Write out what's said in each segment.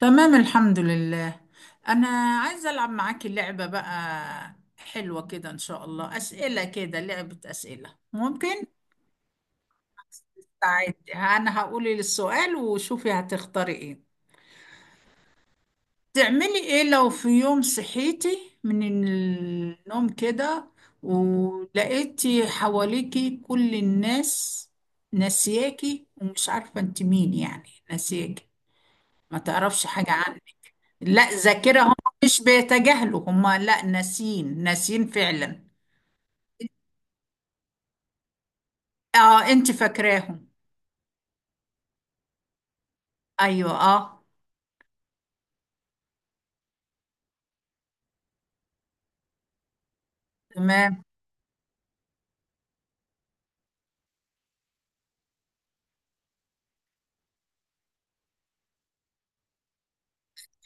تمام، الحمد لله. أنا عايزة ألعب معاكي لعبة بقى حلوة كده، إن شاء الله أسئلة كده لعبة أسئلة، ممكن؟ عادي، أنا هقولي السؤال وشوفي هتختاري إيه. تعملي إيه لو في يوم صحيتي من النوم كده ولقيتي حواليكي كل الناس ناسياكي ومش عارفة أنت مين، يعني ناسياكي ما تعرفش حاجة عنك، لا ذاكرة. هم مش بيتجاهلوا، هم لا، ناسين ناسين فعلا. اه، انت فاكراهم. ايوه، اه. تمام.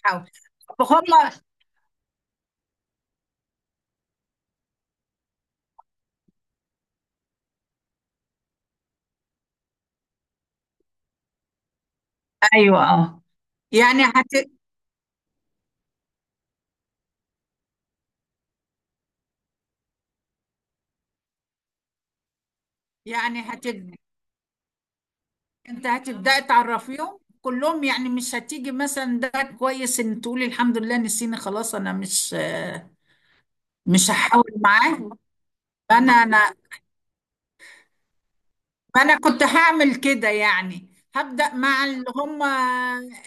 حاول. طب هم. ايوه، اه. يعني هت. يعني هتب... انت هتبدأ تعرفيهم كلهم، يعني مش هتيجي مثلا، ده كويس ان تقولي الحمد لله نسيني خلاص، انا مش مش هحاول معاه. انا ما انا كنت هعمل كده، يعني هبدأ مع اللي هم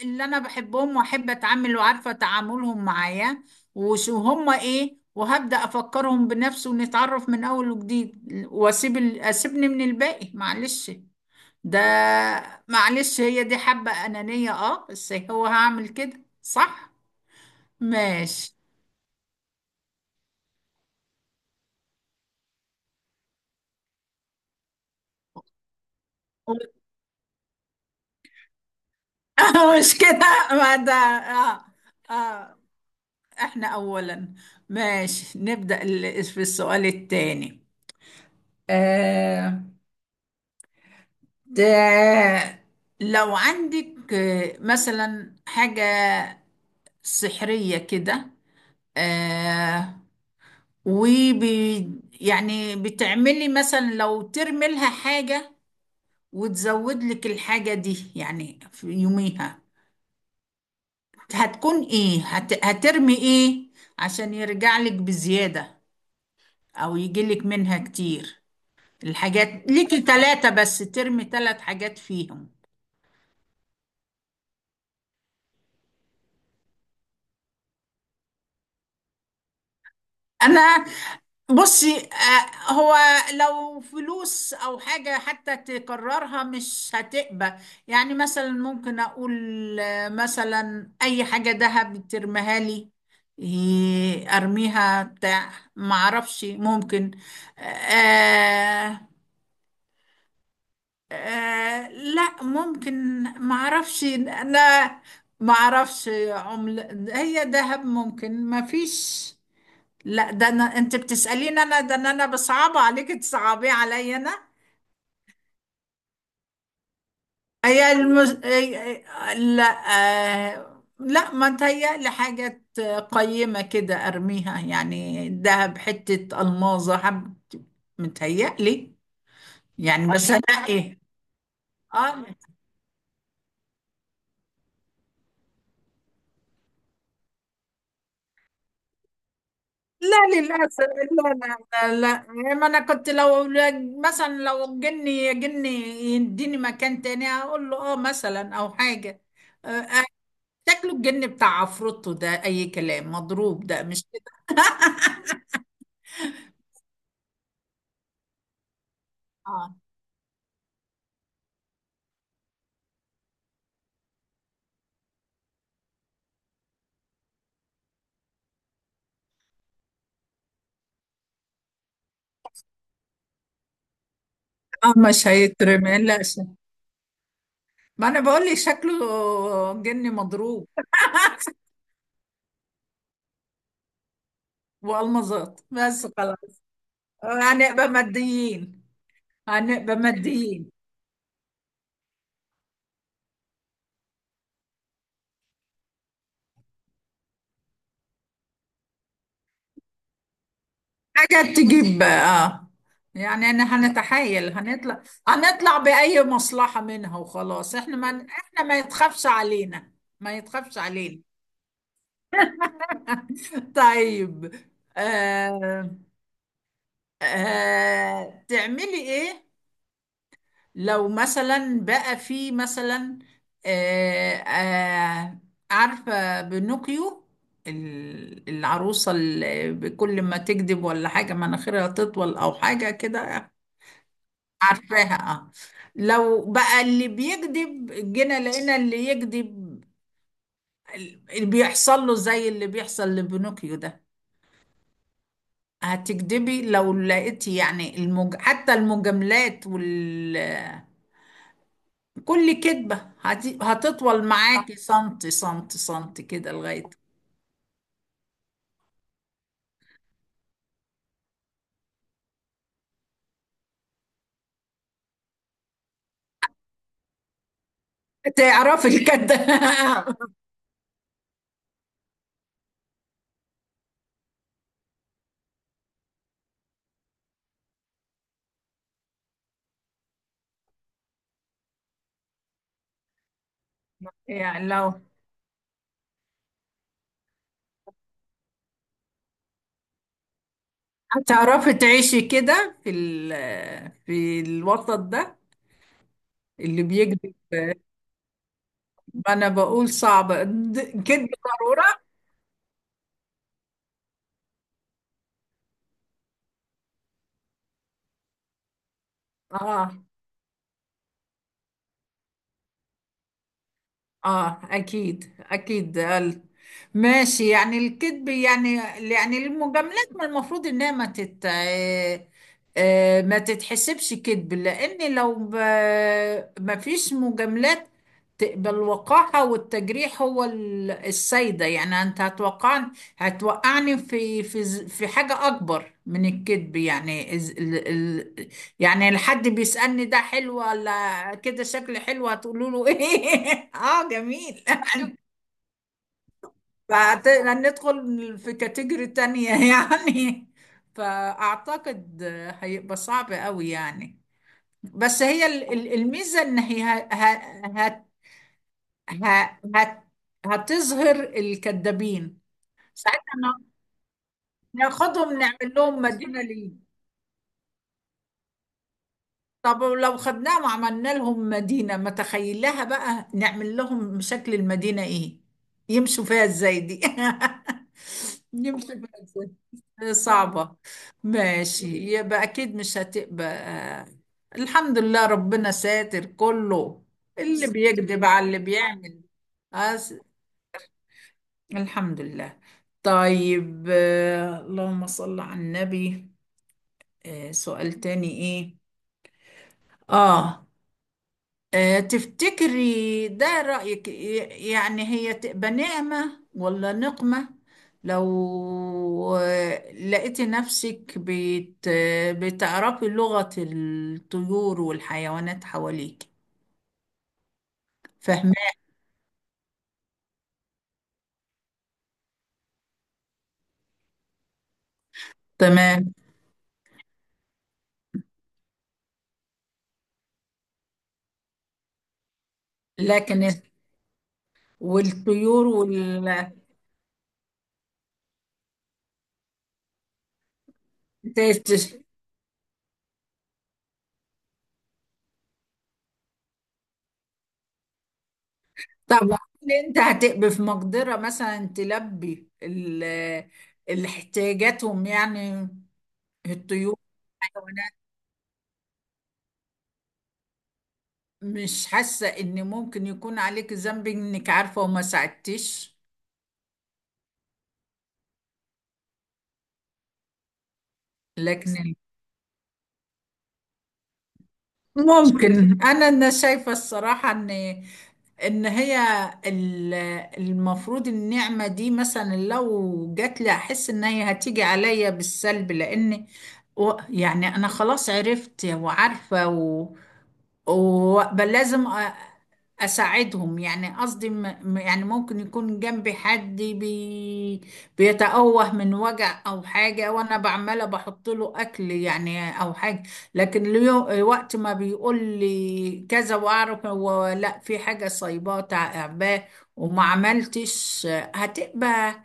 اللي انا بحبهم واحب اتعامل وعارفة تعاملهم معايا وشو هم ايه، وهبدأ افكرهم بنفسي ونتعرف من اول وجديد، اسيبني من الباقي، معلش ده، معلش هي دي حبة أنانية، اه بس هو هعمل كده صح. ماشي. مش كده، ما ده اه اه. احنا اولا، ماشي. في السؤال الثاني. آه ده لو عندك مثلا حاجة سحرية كده. آه وبي يعني بتعملي مثلا لو ترمي لها حاجة، وتزود لك الحاجة دي يعني في يوميها، هتكون ايه هترمي ايه عشان يرجع لك بزيادة او يجي لك منها كتير. الحاجات ليكي ثلاثة، بس ترمي ثلاث حاجات فيهم. أنا بصي، هو لو فلوس أو حاجة حتى تكررها مش هتقبى. يعني مثلا ممكن أقول مثلا أي حاجة دهب ترميها لي، أرميها بتاع معرفش، ممكن. آه لا ممكن معرفش انا، معرفش عملة. هي دهب ممكن ما فيش، لا. ده انا، انت بتسألين انا، ده إن انا بصعب عليك تصعبي عليا انا. هي المز... آه، آه، لا، آه لا ما تهيألي حاجة قيمة كده ارميها، يعني دهب حتة الماظة حب متهيألي. يعني بس انا ايه. اه لا للأسف. لا لا. لا, لا. ما أنا كنت لو مثلا لو جني جني يديني مكان تاني أقول له آه مثلا أو حاجة. آه، آه، شكله الجن بتاع عفروتو ده أي كلام مضروب، ده مش كده. آه مش هيترمي، لا ش- ما أنا بقول لك شكله جن مضروب. وألمظات بس خلاص. هنبقى ماديين، هنبقى ماديين. حاجة تجيب اه. يعني انا هنتحايل، هنطلع بأي مصلحة منها وخلاص، احنا ما يتخافش علينا. ما يتخافش علينا. طيب. آه تعملي ايه لو مثلا بقى في مثلا، آه آه عارفة بنوكيو؟ العروسة اللي كل ما تكذب ولا حاجة مناخيرها تطول أو حاجة كده. عارفاها، اه. لو بقى اللي بيكذب جينا لقينا اللي يكذب اللي بيحصل له زي اللي بيحصل لبنوكيو ده، هتكذبي لو لقيتي يعني حتى المجاملات وال، كل كذبة هتطول معاكي سنتي سنتي سنتي كده لغاية تعرفي الكده. يعني لو هتعرفي تعيشي كده في في الوسط ده اللي بيكذب. ما انا بقول صعبة، كدب ضرورة. اه اه، اكيد اكيد ماشي. يعني الكذب يعني، يعني المجاملات ما المفروض انها ما تت آه، آه، ما تتحسبش كذب، لان لو ما فيش مجاملات تقبل الوقاحة والتجريح، هو السيدة. يعني انت هتوقعني، هتوقعني في في حاجة اكبر من الكذب، يعني يعني الحد بيسألني ده حلو ولا كده، شكل حلو، هتقولوا له ايه؟ اه جميل. شوف، هندخل في كاتيجوري تانية يعني. فأعتقد هيبقى صعب قوي يعني، بس هي الميزة إن هي ه- ه- هتظهر الكذابين ساعتها. ناخدهم نعمل لهم مدينة. طب لو خدناهم وعملنا لهم مدينة، ما تخيلها بقى، نعمل لهم شكل المدينة ايه، يمشوا فيها ازاي دي؟ يمشوا فيها ازاي، صعبة. ماشي. يبقى اكيد مش هتبقى الحمد لله ربنا ساتر كله اللي بيكذب على اللي بيعمل. أس... الحمد لله. طيب، اللهم صل على النبي. سؤال تاني ايه. اه. تفتكري ده رأيك، يعني هي تبقى نعمة ولا نقمة، لو لقيتي نفسك بت آه، بتعرفي لغة الطيور والحيوانات حواليك؟ فاهمة. تمام. لكن والطيور وال. تت- طب هل انت هتبقي في مقدرة مثلا تلبي الاحتياجاتهم، يعني الطيور؟ مش حاسة ان ممكن يكون عليك ذنب انك عارفة وما ساعدتش؟ لكن بس، ممكن انا، انا شايفه الصراحه ان، ان هي ال- المفروض النعمه دي مثلا لو جات لي، احس ان هي هتيجي عليا بالسلب، لان يعني انا خلاص عرفت وعارفه وبل لازم اساعدهم، يعني قصدي يعني ممكن يكون جنبي حد بيتأوه من وجع او حاجة وانا بعمله بحط له اكل يعني او حاجة، لكن اليوم وقت ما بيقول لي كذا واعرف هو لا، في حاجه صايباه تعباه وما عملتش، هتبقى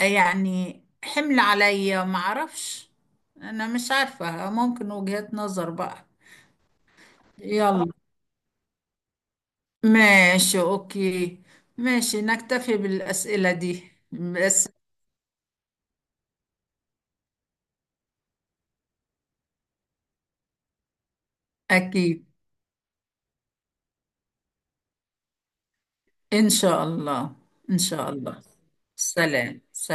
يعني حمل عليا، ما اعرفش. انا مش عارفه، ممكن وجهات نظر بقى. يلا ماشي، اوكي، ماشي نكتفي بالاسئله دي بس. اكيد. ان شاء الله. ان شاء الله. سلام.